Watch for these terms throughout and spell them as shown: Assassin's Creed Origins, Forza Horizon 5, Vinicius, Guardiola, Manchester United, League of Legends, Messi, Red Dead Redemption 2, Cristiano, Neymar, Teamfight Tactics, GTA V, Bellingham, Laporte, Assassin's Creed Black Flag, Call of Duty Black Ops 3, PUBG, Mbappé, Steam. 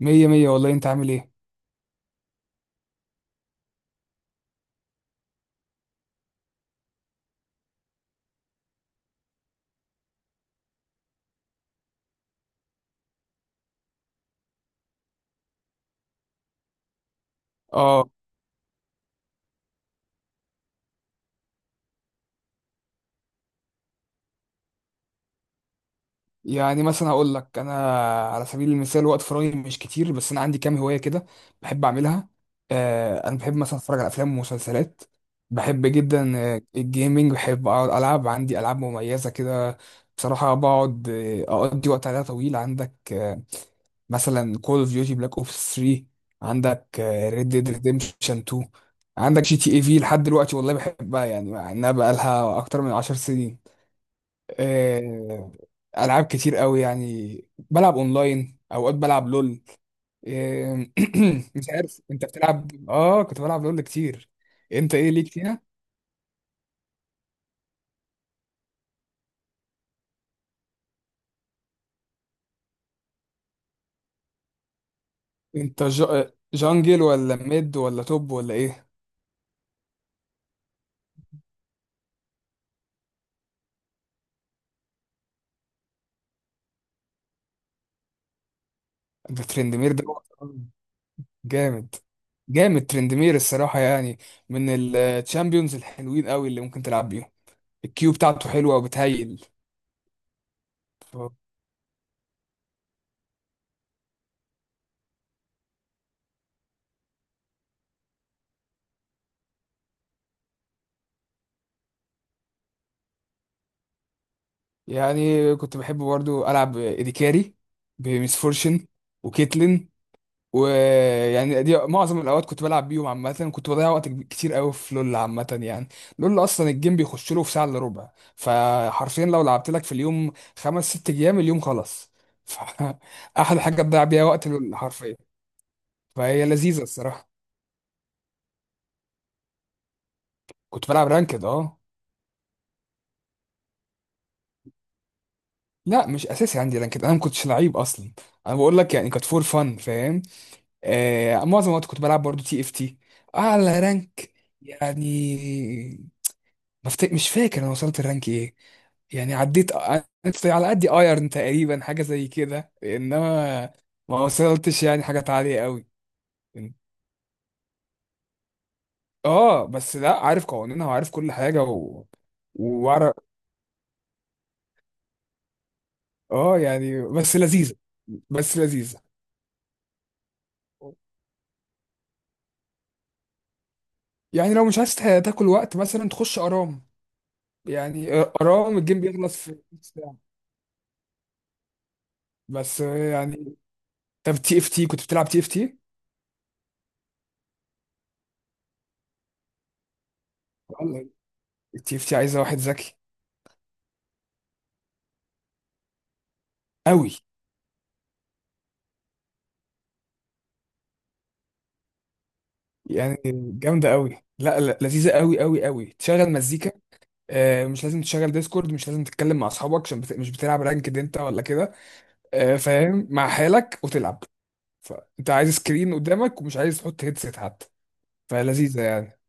مية مية والله، انت عامل ايه؟ اه. يعني مثلا هقول لك انا على سبيل المثال، وقت فراغي مش كتير، بس انا عندي كام هواية كده بحب اعملها. انا بحب مثلا اتفرج على افلام ومسلسلات، بحب جدا. الجيمنج بحب اقعد العب، عندي العاب مميزة كده. بصراحة بقعد، اقضي وقت عليها طويل. عندك، مثلا كول اوف ديوتي بلاك اوبس 3، عندك ريد ديد ريديمشن 2، عندك جي تي اي في لحد دلوقتي والله بحبها، يعني مع انها بقالها اكتر من 10 سنين. آه، العاب كتير قوي، يعني بلعب اونلاين، اوقات بلعب لول. آه، مش عارف انت بتلعب؟ اه، كنت بلعب لول كتير. انت ايه ليك فيها؟ انت جانجل ولا ميد ولا توب ولا ايه؟ انت ترندمير ده جامد، جامد ترندمير الصراحة، يعني من الشامبيونز الحلوين قوي اللي ممكن تلعب بيهم، الكيو بتاعته حلوة وبتهيل. ف- يعني كنت بحب برضو ألعب إديكاري، بميس فورشن، وكيتلين، ويعني دي معظم الاوقات كنت بلعب بيهم. عامه كنت بضيع وقت كتير قوي في لول، عامه يعني لول اصلا الجيم بيخش له في ساعه الا ربع. فحرفيا لو لعبت لك في اليوم خمس ست ايام، اليوم خلاص. ف- احلى حاجه تضيع بيها وقت لول حرفيا، فهي لذيذه الصراحه. كنت بلعب رانكد، اه. لا مش اساسي عندي رانكد، انا ما كنتش لعيب اصلا، انا بقول لك يعني كانت فور فن، فاهم؟ معظم الوقت كنت بلعب برضو تي اف تي، اعلى رانك يعني مش فاكر انا وصلت الرانك ايه. يعني عديت على قد ايرن تقريبا حاجه زي كده، انما ما وصلتش يعني حاجات عاليه قوي. اه بس لا، عارف قوانينها وعارف كل حاجه وعارف. اه يعني بس لذيذه، بس لذيذه. يعني لو مش عايز تاكل وقت، مثلا تخش ارام. يعني ارام الجيم بيخلص في نص ساعه، بس يعني. طب تي اف تي، كنت بتلعب تي اف تي؟ التي اف تي عايزه واحد ذكي قوي، يعني جامدة قوي، لا لا لذيذة قوي قوي قوي، تشغل مزيكا. مش لازم تشغل ديسكورد، مش لازم تتكلم مع اصحابك عشان مش بتلعب رانكد انت ولا كده. فاهم؟ مع حالك وتلعب، فانت عايز سكرين قدامك ومش عايز تحط هيدسيت حتى، فلذيذة يعني.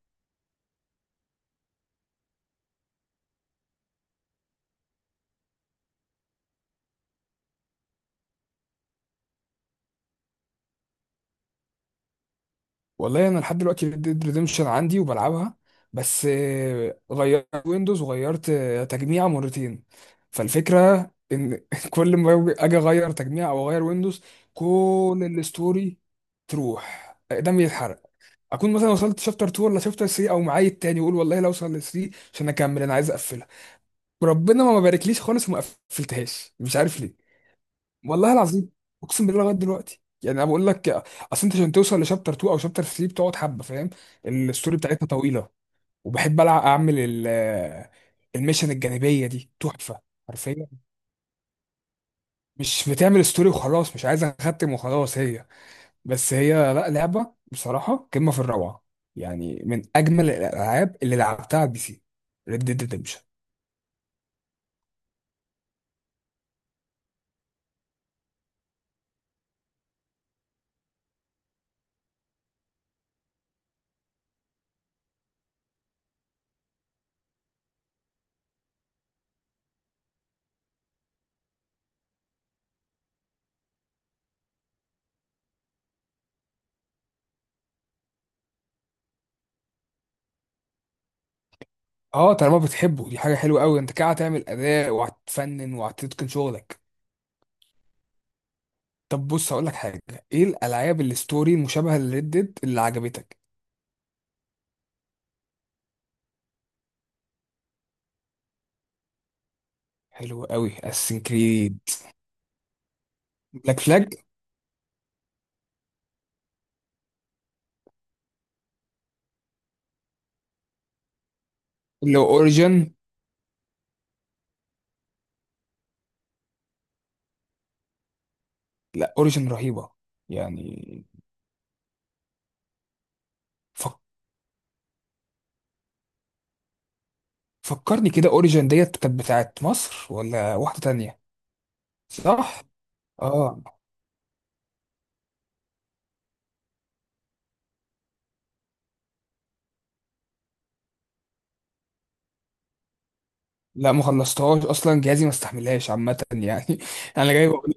والله انا لحد دلوقتي ريد ديد ريديمشن عندي وبلعبها، بس غيرت ويندوز وغيرت تجميع مرتين. فالفكره ان كل ما اجي اغير تجميع او اغير ويندوز، كل الستوري تروح قدامي، يتحرق. اكون مثلا وصلت شابتر 2 ولا شابتر 3 او معايا التاني، واقول والله لو اوصل ل 3 عشان اكمل، انا عايز اقفلها، وربنا ما باركليش خالص وما قفلتهاش، مش عارف. والله العظيم، اقسم بالله لغايه دلوقتي، يعني انا بقول لك اصل انت عشان توصل لشابتر 2 او شابتر 3 بتقعد حبه، فاهم؟ الستوري بتاعتها طويله، وبحب العب اعمل الميشن الجانبيه دي تحفه. حرفيا مش بتعمل ستوري وخلاص، مش عايز اختم وخلاص هي، بس هي لا، لعبه بصراحه قمه في الروعه، يعني من اجمل الالعاب اللي لعبتها على البي سي، ريد ديد ريدمشن. اه طالما بتحبه، دي حاجه حلوه قوي، انت كده هتعمل اداء وهتفنن وهتتقن شغلك. طب بص هقول لك حاجه، ايه الالعاب الستوري مشابهه لريد ديد اللي عجبتك؟ حلو قوي اساسن كريد، بلاك فلاج، لو اوريجن. لا اوريجن رهيبه، يعني فك... فكرني كده، اوريجن ديت كانت بتاعت مصر ولا واحده تانية؟ صح، اه. لا ما خلصتهاش اصلا، جهازي ما استحملهاش عامه يعني انا جاي بقول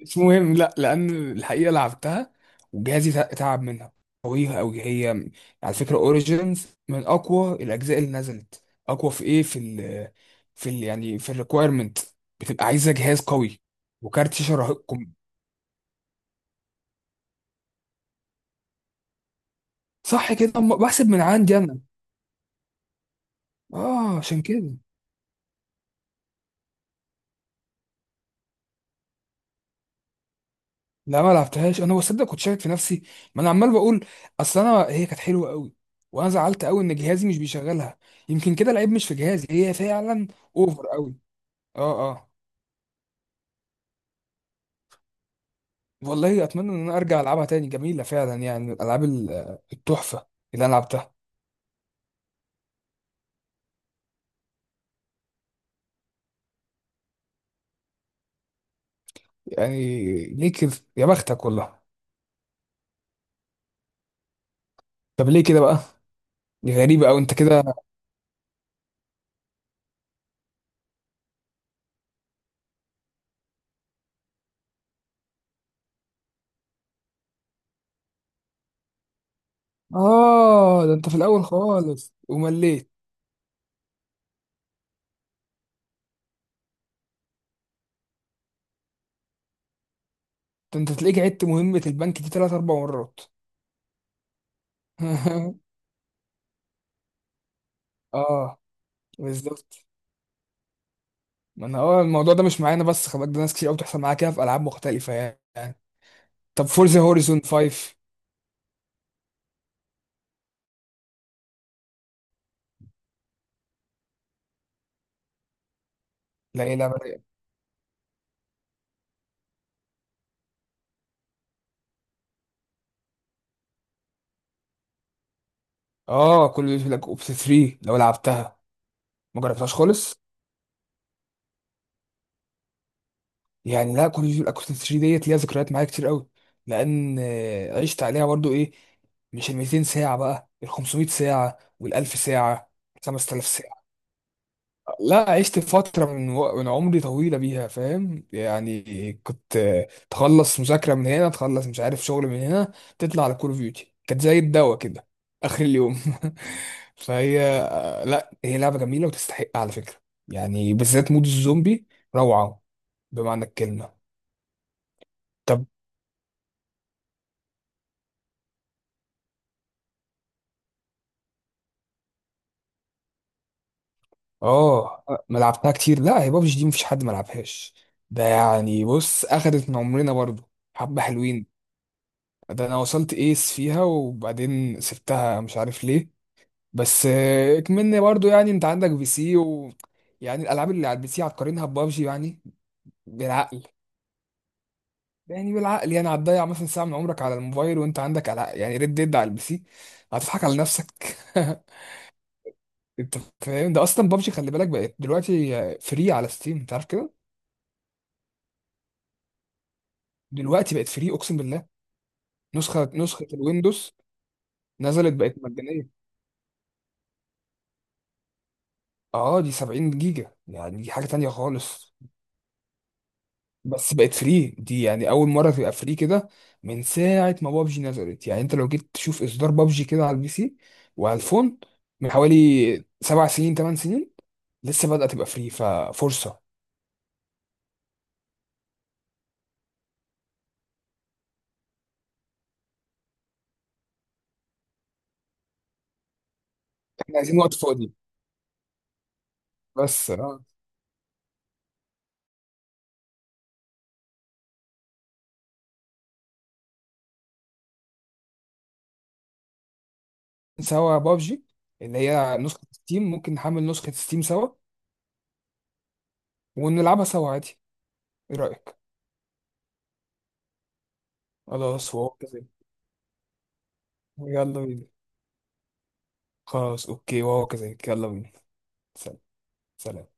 مش مهم، لا لان الحقيقه لعبتها وجهازي تعب منها، قوية قوي هي. على فكره اوريجينز من اقوى الاجزاء اللي نزلت، اقوى في ايه؟ في ال يعني في الريكويرمنت، بتبقى عايزه جهاز قوي وكارت شاشه رهيب، صح كده؟ أما بحسب من عندي انا، اه عشان كده. لا ما لعبتهاش، انا بصدق كنت شاكك في نفسي، ما انا عمال بقول اصل هي كانت حلوه قوي، وانا زعلت قوي ان جهازي مش بيشغلها. يمكن كده العيب مش في جهازي، هي فعلا اوفر قوي، اه اه. والله اتمنى ان انا ارجع العبها تاني، جميله فعلا، يعني من الالعاب التحفه اللي انا لعبتها. يعني ليه كده؟ يا بختك والله. طب ليه كده بقى؟ دي غريبه قوي انت كده. اه ده انت في الاول خالص ومليت، ده انت تلاقيك عدت مهمه البنك دي ثلاث اربع مرات اه بالظبط. ما انا اه الموضوع ده مش معانا، بس خلي بالك ده ناس كتير قوي بتحصل معاها كده في العاب مختلفه، يعني. طب فورزا هوريزون 5؟ لا ايه، لعبه رايقة. اه، كل بيقول لك اوبس 3 لو لعبتها. ما جربتهاش خالص. يعني لا كوريجي والاكوستيك 3 ديت ليها ذكريات معايا كتير قوي، لان عشت عليها برضو ايه، مش ال 200 ساعه بقى، ال 500 ساعه وال 1000 ساعه، 5000 ساعه. لا عشت فتره من عمري طويله بيها، فاهم؟ يعني كنت تخلص مذاكره من هنا، تخلص مش عارف شغل من هنا، تطلع على كول اوف ديوتي، كانت زي الدواء كده اخر اليوم فهي لا هي لعبه جميله وتستحق على فكره، يعني بالذات مود الزومبي روعه بمعنى الكلمه. طب اه، ما لعبتها كتير لا، هي بابجي دي مفيش حد ما لعبهاش، ده يعني بص اخدت من عمرنا برضو حبة حلوين. ده انا وصلت ايس فيها وبعدين سبتها، مش عارف ليه. بس اكملني برضو يعني، انت عندك بي سي و يعني الالعاب اللي على البي سي هتقارنها ببابجي؟ يعني بالعقل، يعني بالعقل، يعني هتضيع مثلا ساعة من عمرك على الموبايل وانت عندك يعني ريد ديد على البي سي، هتضحك على نفسك انت فاهم ده؟ اصلا بابجي خلي بالك بقت دلوقتي فري على ستيم، انت عارف كده؟ دلوقتي بقت فري، اقسم بالله، نسخه الويندوز نزلت بقت مجانيه. اه دي 70 جيجا، يعني دي حاجه تانية خالص، بس بقت فري دي، يعني اول مره تبقى فري كده من ساعه ما بابجي نزلت. يعني انت لو جيت تشوف اصدار بابجي كده على البي سي وعلى الفون من حوالي 7 سنين، 8 سنين، لسه بدأت تبقى فري، ففرصه. احنا عايزين وقت فاضي بس اه. سوا بابجي اللي هي نسخه ستيم، ممكن نحمل نسخه ستيم سوا ونلعبها سوا عادي، ايه رأيك؟ خلاص واو، يلا بينا. خلاص اوكي، وهو كذلك، يلا بينا. سلام. سلام.